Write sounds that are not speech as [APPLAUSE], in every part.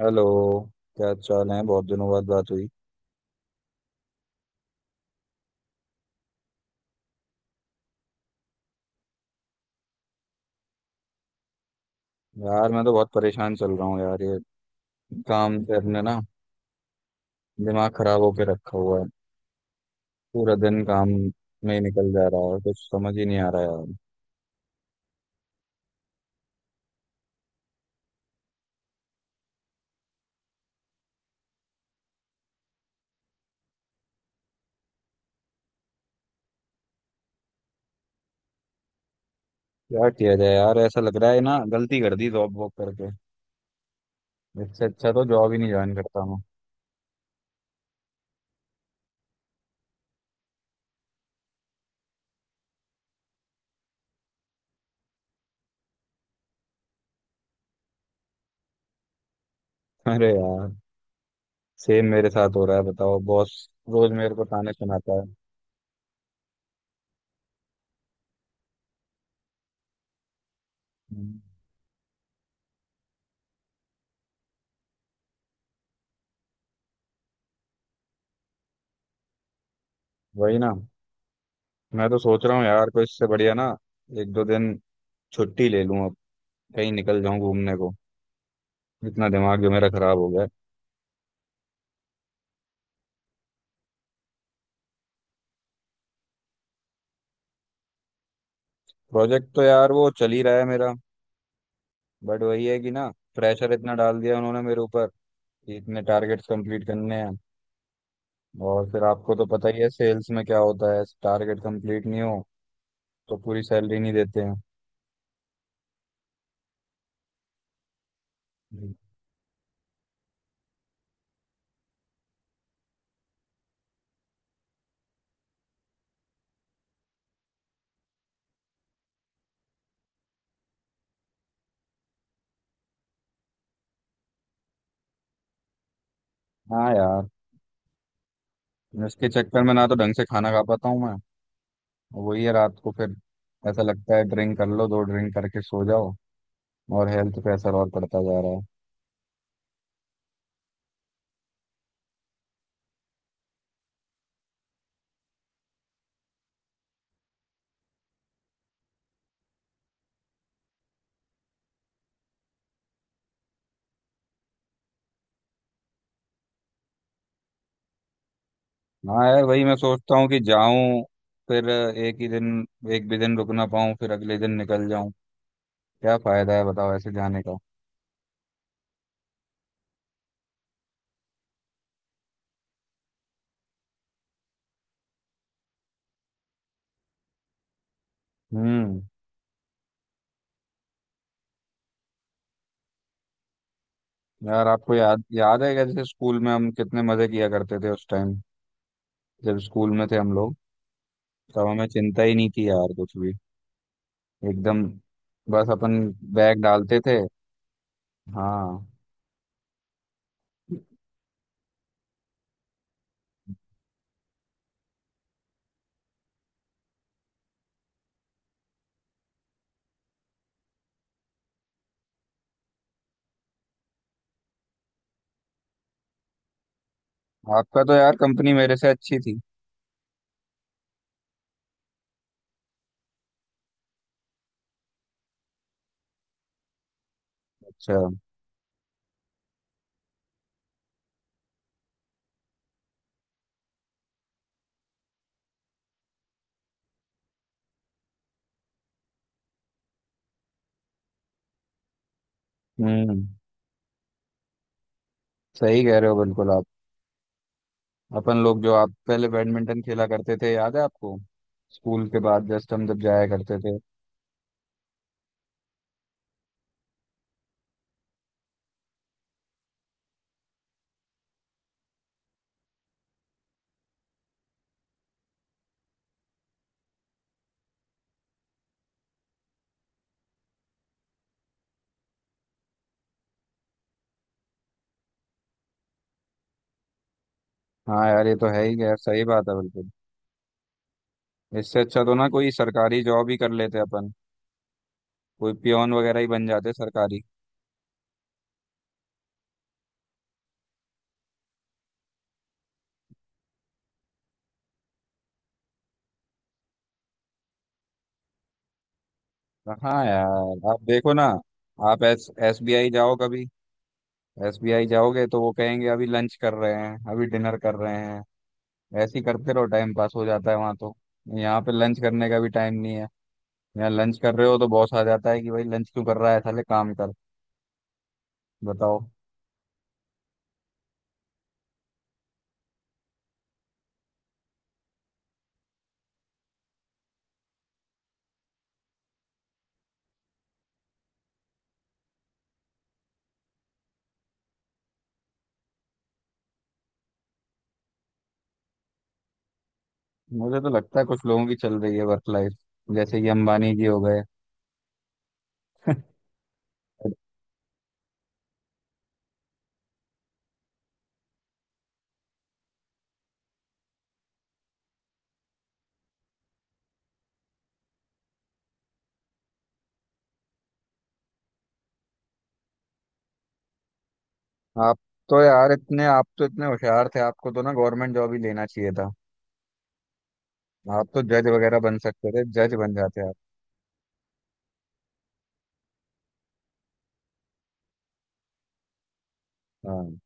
Hello. क्या चाल है? बहुत दिनों बाद बात हुई। यार मैं तो बहुत परेशान चल रहा हूँ यार, ये काम से अपने ना दिमाग खराब होके रखा हुआ है। पूरा दिन काम में ही निकल जा रहा है, कुछ समझ ही नहीं आ रहा यार। क्या किया जाए यार? ऐसा लग रहा है ना, गलती कर दी जॉब वॉब करके। इससे अच्छा तो जॉब ही नहीं ज्वाइन करता मैं। [LAUGHS] अरे यार, सेम मेरे साथ हो रहा है। बताओ, बॉस रोज मेरे को ताने सुनाता है। हम्म, वही ना। मैं तो सोच रहा हूँ यार, कोई इससे बढ़िया ना, एक दो दिन छुट्टी ले लूँ अब। कहीं निकल जाऊँ घूमने को, इतना दिमाग जो मेरा खराब हो गया है। प्रोजेक्ट तो यार वो चल ही रहा है मेरा, बट वही है कि ना, प्रेशर इतना डाल दिया उन्होंने मेरे ऊपर कि इतने टारगेट्स कंप्लीट करने हैं। और फिर आपको तो पता ही है सेल्स में क्या होता है, टारगेट कंप्लीट नहीं हो तो पूरी सैलरी नहीं देते हैं। हम्म। हाँ यार, इसके चक्कर में ना तो ढंग से खाना खा पाता हूँ मैं। वही है, रात को फिर ऐसा लगता है ड्रिंक कर लो, दो ड्रिंक करके सो जाओ, और हेल्थ पे असर और पड़ता जा रहा है। हाँ यार, वही मैं सोचता हूँ कि जाऊं, फिर एक ही दिन, एक भी दिन रुक ना पाऊं, फिर अगले दिन निकल जाऊं। क्या फायदा है बताओ ऐसे जाने का? हम्म। यार, आपको याद याद है क्या, जैसे स्कूल में हम कितने मजे किया करते थे उस टाइम, जब स्कूल में थे हम लोग? तब हमें चिंता ही नहीं थी यार कुछ भी, एकदम। बस अपन बैग डालते थे। हाँ, आपका तो यार कंपनी मेरे से अच्छी थी। अच्छा। हम्म। सही कह रहे हो बिल्कुल आप। अपन लोग जो आप पहले बैडमिंटन खेला करते थे, याद है आपको? स्कूल के बाद जस्ट हम जब जाया करते थे। हाँ यार, ये तो है ही यार, सही बात है बिल्कुल। इससे अच्छा तो ना कोई सरकारी जॉब ही कर लेते अपन, कोई पियोन वगैरह ही बन जाते सरकारी। हाँ यार, आप देखो ना, आप एस एसबीआई जाओ कभी। एसबीआई जाओगे तो वो कहेंगे अभी लंच कर रहे हैं, अभी डिनर कर रहे हैं, ऐसे ही करते रहो, टाइम पास हो जाता है वहाँ तो। यहाँ पे लंच करने का भी टाइम नहीं है। यहाँ लंच कर रहे हो तो बॉस आ जाता है कि भाई लंच क्यों कर रहा है साले, काम कर। बताओ। मुझे तो लगता है कुछ लोगों की चल रही है वर्क लाइफ, जैसे कि अंबानी जी हो गए। [LAUGHS] आप तो यार इतने, आप तो इतने होशियार थे, आपको तो ना गवर्नमेंट जॉब ही लेना चाहिए था। आप तो जज वगैरह बन सकते थे, जज बन जाते आप। हाँ।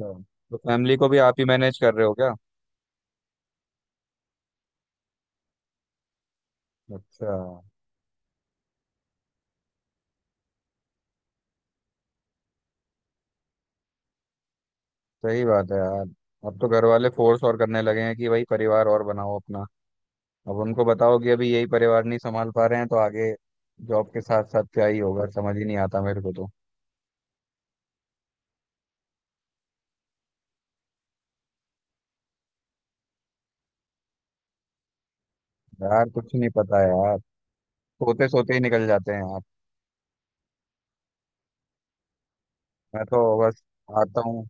अच्छा, तो फैमिली को भी आप ही मैनेज कर रहे हो क्या? अच्छा। सही बात है यार। अब तो घर वाले फोर्स और करने लगे हैं कि भाई परिवार और बनाओ अपना। अब उनको बताओ कि अभी यही परिवार नहीं संभाल पा रहे हैं तो आगे जॉब के साथ साथ क्या ही होगा, समझ ही नहीं आता मेरे को तो। यार, कुछ नहीं पता यार, सोते सोते ही निकल जाते हैं आप। मैं तो बस आता हूँ।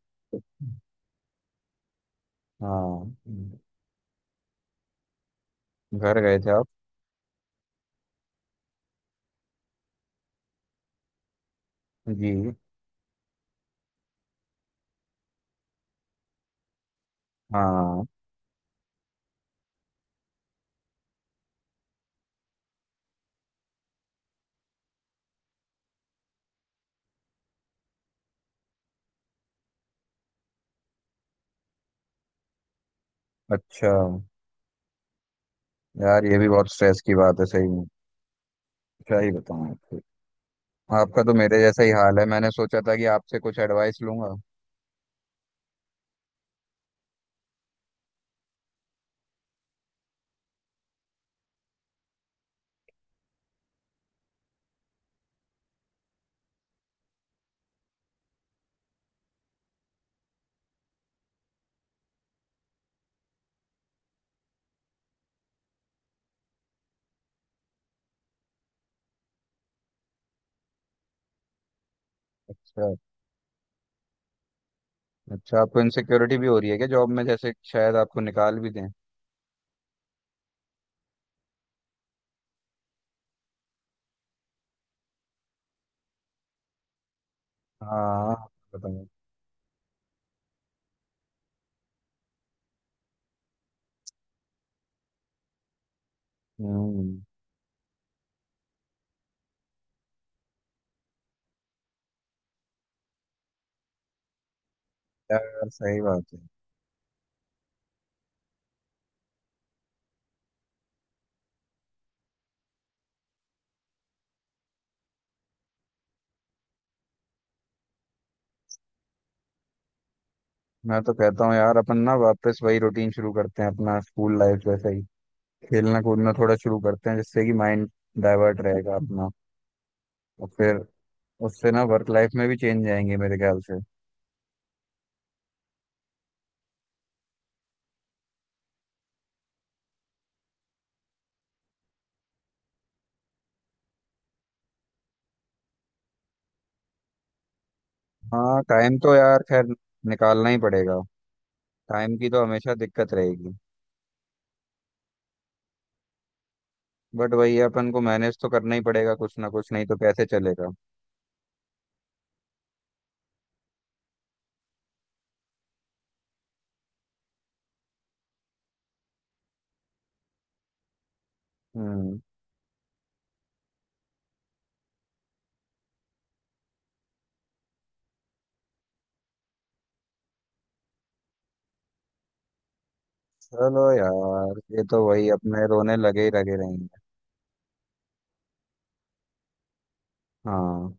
हाँ, घर गए थे आप? जी। हाँ। अच्छा। यार, ये भी बहुत स्ट्रेस की बात है सही में, क्या ही बताऊँ आपको। आपका तो मेरे जैसा ही हाल है, मैंने सोचा था कि आपसे कुछ एडवाइस लूंगा। अच्छा, अच्छा। आपको इनसिक्योरिटी भी हो रही है क्या जॉब में, जैसे शायद आपको निकाल भी दें? हाँ, बताऊँ। हम्म यार, सही बात है। मैं तो कहता हूँ यार, अपन ना वापस वही रूटीन शुरू करते हैं अपना, स्कूल लाइफ जैसे। खेलना कूदना थोड़ा शुरू करते हैं जिससे कि माइंड डाइवर्ट रहेगा अपना। और फिर उससे ना वर्क लाइफ में भी चेंज आएंगे मेरे ख्याल से। हाँ, टाइम तो यार खैर निकालना ही पड़ेगा, टाइम की तो हमेशा दिक्कत रहेगी। बट वही है, अपन को मैनेज तो करना ही पड़ेगा कुछ ना कुछ, नहीं तो कैसे चलेगा। हम्म। चलो यार, ये तो वही, अपने रोने लगे ही लगे रहेंगे। हाँ।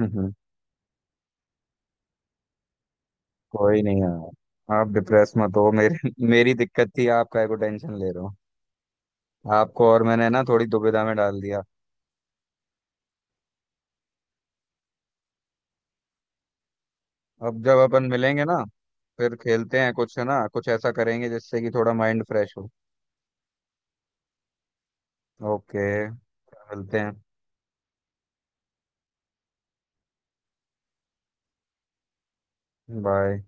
हम्म, हम्म, कोई नहीं यार, आप डिप्रेस मत हो, मेरी [LAUGHS] मेरी दिक्कत थी, आप काय को टेंशन ले रहे हो। आपको और मैंने ना थोड़ी दुविधा में डाल दिया। अब जब अपन मिलेंगे ना, फिर खेलते हैं कुछ, है ना, कुछ ऐसा करेंगे जिससे कि थोड़ा माइंड फ्रेश हो। ओके, मिलते हैं। बाय।